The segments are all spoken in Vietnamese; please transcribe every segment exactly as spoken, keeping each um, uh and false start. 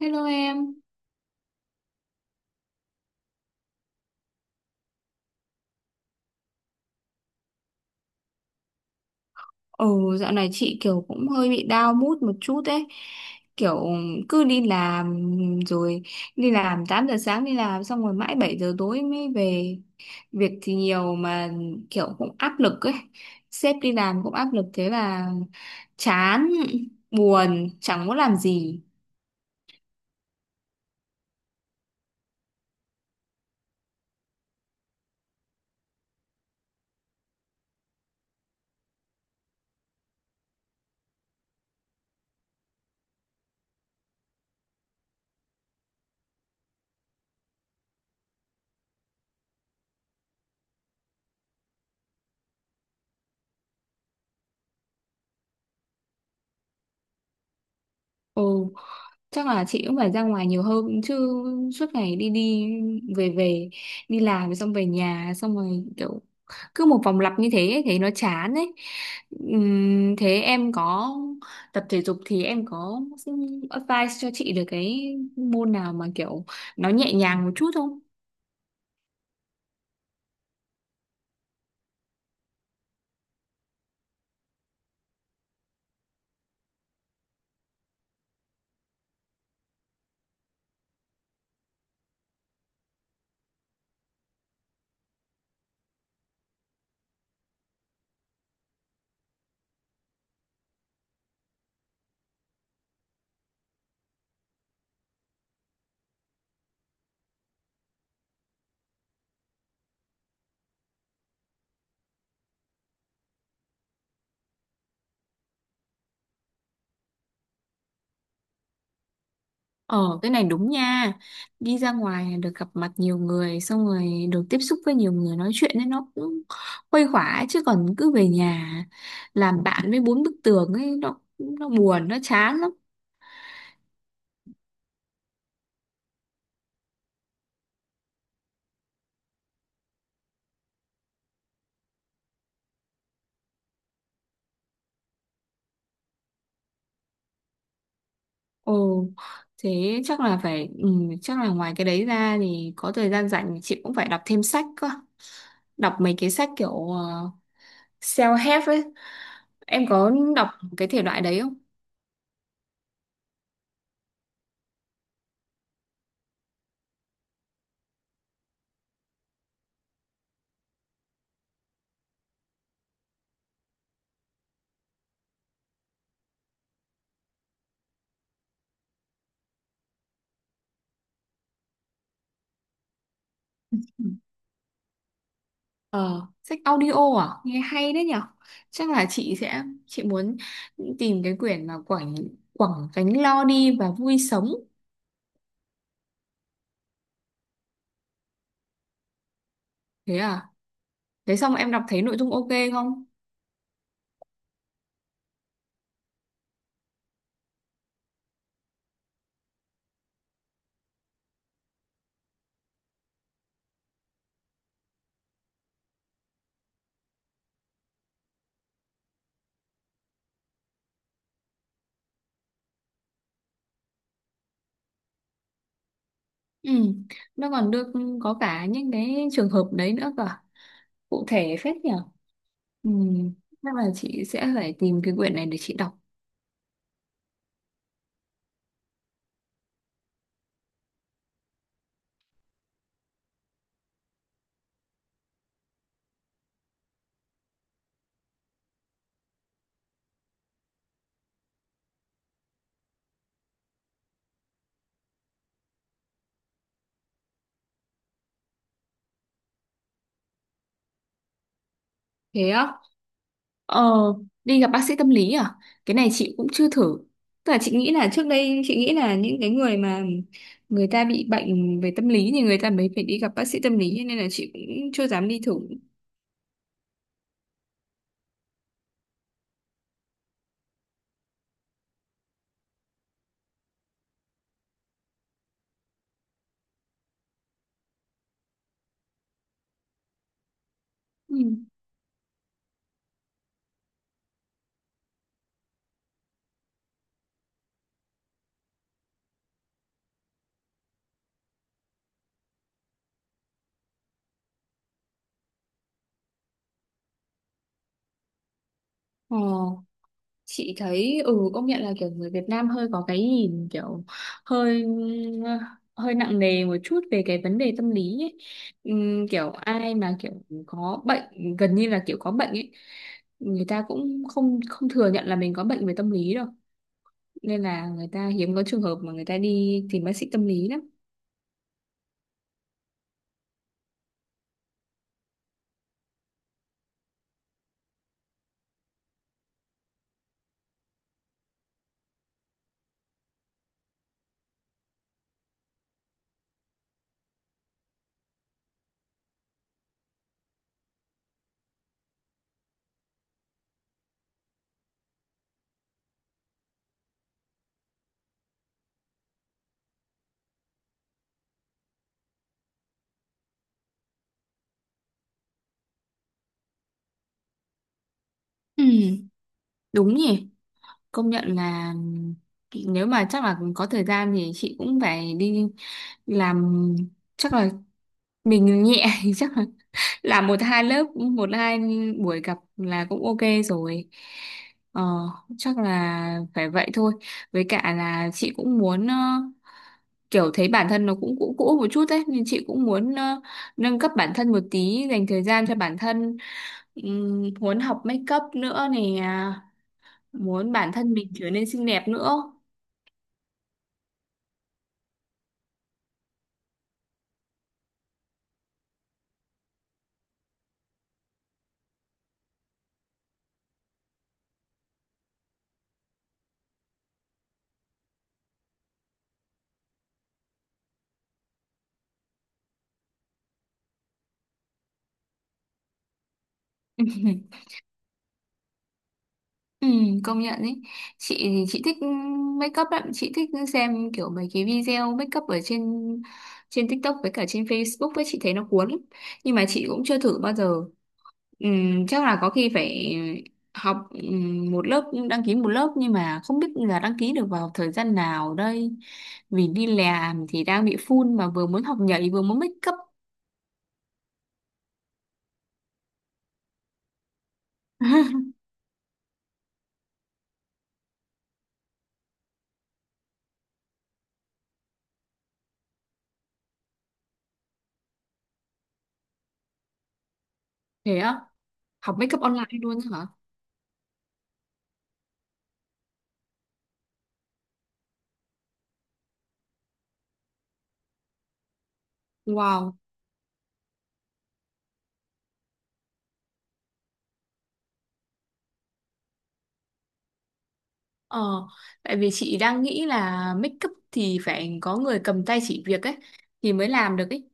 Hello em. Ừ, dạo này chị kiểu cũng hơi bị down mood một chút ấy. Kiểu cứ đi làm rồi đi làm tám giờ sáng đi làm xong rồi mãi bảy giờ tối mới về. Việc thì nhiều mà kiểu cũng áp lực ấy. Sếp đi làm cũng áp lực thế là chán, buồn, chẳng muốn làm gì. Ừ. Chắc là chị cũng phải ra ngoài nhiều hơn chứ suốt ngày đi đi về về đi làm xong về nhà xong rồi kiểu cứ một vòng lặp như thế ấy, thấy nó chán ấy. Ừm, thế em có tập thể dục thì em có advice cho chị được cái môn nào mà kiểu nó nhẹ nhàng một chút không? Ờ, cái này đúng nha. Đi ra ngoài được gặp mặt nhiều người, xong rồi được tiếp xúc với nhiều người nói chuyện ấy, nó cũng khuây khỏa ấy. Chứ còn cứ về nhà làm bạn với bốn bức tường ấy, Nó, nó buồn, nó chán lắm. Ồ, thế chắc là phải ừ, chắc là ngoài cái đấy ra thì có thời gian rảnh chị cũng phải đọc thêm sách cơ. Đọc mấy cái sách kiểu ờ, self-help ấy. Em có đọc cái thể loại đấy không? Ờ, sách audio à? Nghe hay đấy nhở? Chắc là chị sẽ chị muốn tìm cái quyển mà Quảng Quảng Gánh Lo Đi và Vui Sống. Thế à? Thế xong em đọc thấy nội dung ok không? Ừ, nó còn được có cả những cái trường hợp đấy nữa cơ à? Cụ thể phết nhở? Ừ, chắc là chị sẽ phải tìm cái quyển này để chị đọc. Thế á? Ờ, đi gặp bác sĩ tâm lý à? Cái này chị cũng chưa thử. Tức là chị nghĩ là trước đây chị nghĩ là những cái người mà người ta bị bệnh về tâm lý thì người ta mới phải đi gặp bác sĩ tâm lý cho nên là chị cũng chưa dám đi thử. Ừ. Ờ, chị thấy ừ công nhận là kiểu người Việt Nam hơi có cái nhìn kiểu hơi hơi nặng nề một chút về cái vấn đề tâm lý ấy. Ừm, kiểu ai mà kiểu có bệnh, gần như là kiểu có bệnh ấy, người ta cũng không không thừa nhận là mình có bệnh về tâm lý đâu, nên là người ta hiếm có trường hợp mà người ta đi tìm bác sĩ tâm lý lắm. Ừ, đúng nhỉ. Công nhận là nếu mà chắc là có thời gian thì chị cũng phải đi làm, chắc là mình nhẹ thì chắc là làm một hai lớp, một hai buổi gặp là cũng ok rồi. Ờ, chắc là phải vậy thôi. Với cả là chị cũng muốn ờ, kiểu thấy bản thân nó cũng cũ cũ một chút đấy, nên chị cũng muốn ờ, nâng cấp bản thân một tí, dành thời gian cho bản thân. Ừm, muốn học make up nữa nè, muốn bản thân mình trở nên xinh đẹp nữa. Ừ, công nhận ý, chị thì chị thích make up lắm, chị thích xem kiểu mấy cái video make up ở trên trên TikTok với cả trên Facebook ấy, chị thấy nó cuốn lắm, nhưng mà chị cũng chưa thử bao giờ. Ừm, chắc là có khi phải học ừm, một lớp, đăng ký một lớp, nhưng mà không biết là đăng ký được vào thời gian nào đây, vì đi làm thì đang bị full mà vừa muốn học nhảy vừa muốn make up. Thế á? Học make up online luôn á hả? Wow. Ờ, tại vì chị đang nghĩ là make up thì phải có người cầm tay chỉ việc ấy thì mới làm được ấy.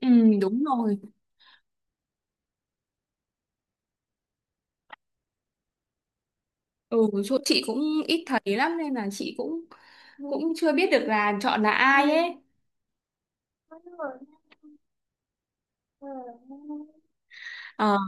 Ừ, đúng rồi. Ừ, chỗ chị cũng ít thấy lắm nên là chị cũng cũng chưa biết được là chọn là ai ấy. Ờ,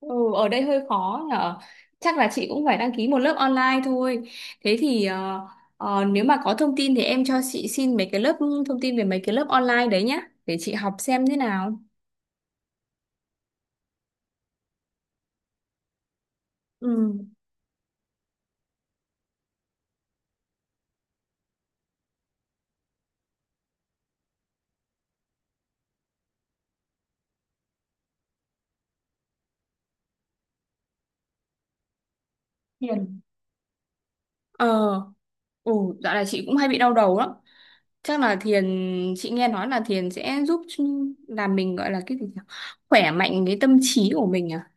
ừ, ở đây hơi khó nhở. Chắc là chị cũng phải đăng ký một lớp online thôi. Thế thì ờ, ờ, nếu mà có thông tin thì em cho chị xin mấy cái lớp thông tin về mấy cái lớp online đấy nhá, để chị học xem thế nào. Ừ. Ờ, ừ, dạo này chị cũng hay bị đau đầu lắm. Chắc là thiền, chị nghe nói là thiền sẽ giúp ch- làm mình, gọi là cái gì nhỉ? Khỏe mạnh cái tâm trí của mình à,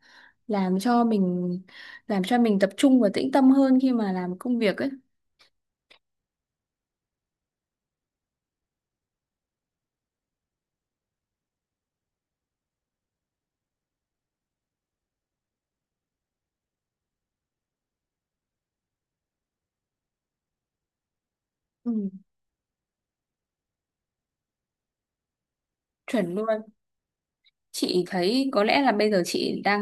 làm cho mình làm cho mình tập trung và tĩnh tâm hơn khi mà làm công việc ấy. Ừ, chuẩn luôn. Chị thấy có lẽ là bây giờ chị đang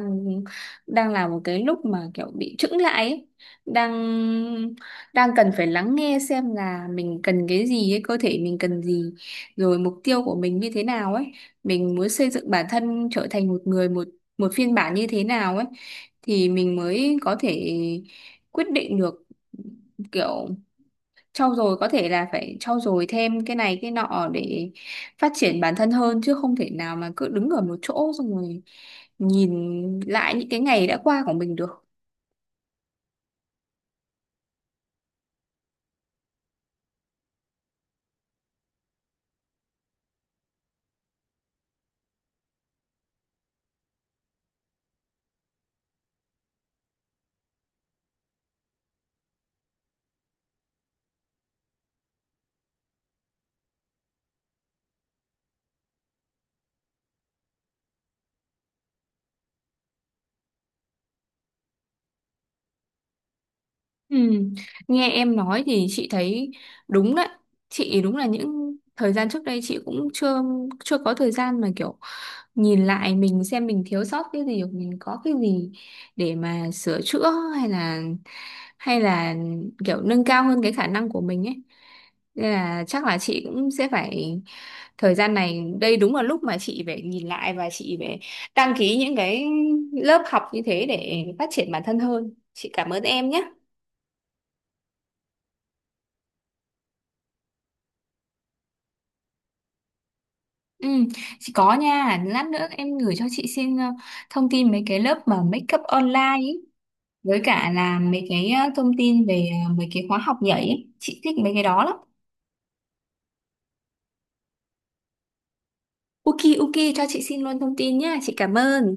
đang là một cái lúc mà kiểu bị chững lại ấy. Đang đang cần phải lắng nghe xem là mình cần cái gì ấy, cơ thể mình cần gì, rồi mục tiêu của mình như thế nào ấy, mình muốn xây dựng bản thân trở thành một người một một phiên bản như thế nào ấy, thì mình mới có thể quyết định được, kiểu trau dồi, có thể là phải trau dồi thêm cái này cái nọ để phát triển bản thân hơn, chứ không thể nào mà cứ đứng ở một chỗ xong rồi nhìn lại những cái ngày đã qua của mình được. Ừ. Nghe em nói thì chị thấy đúng đấy, chị đúng là những thời gian trước đây chị cũng chưa chưa có thời gian mà kiểu nhìn lại mình, xem mình thiếu sót cái gì hoặc mình có cái gì để mà sửa chữa, hay là hay là kiểu nâng cao hơn cái khả năng của mình ấy, nên là chắc là chị cũng sẽ phải, thời gian này đây đúng là lúc mà chị phải nhìn lại và chị phải đăng ký những cái lớp học như thế để phát triển bản thân hơn. Chị cảm ơn em nhé. Ừ, chị có nha, lát nữa em gửi cho chị xin ờ, thông tin mấy cái lớp mà make up online ý, với cả là mấy cái ờ, thông tin về ờ, mấy cái khóa học nhảy ý. Chị thích mấy cái đó lắm. Ok, ok, cho chị xin luôn thông tin nhá, chị cảm ơn.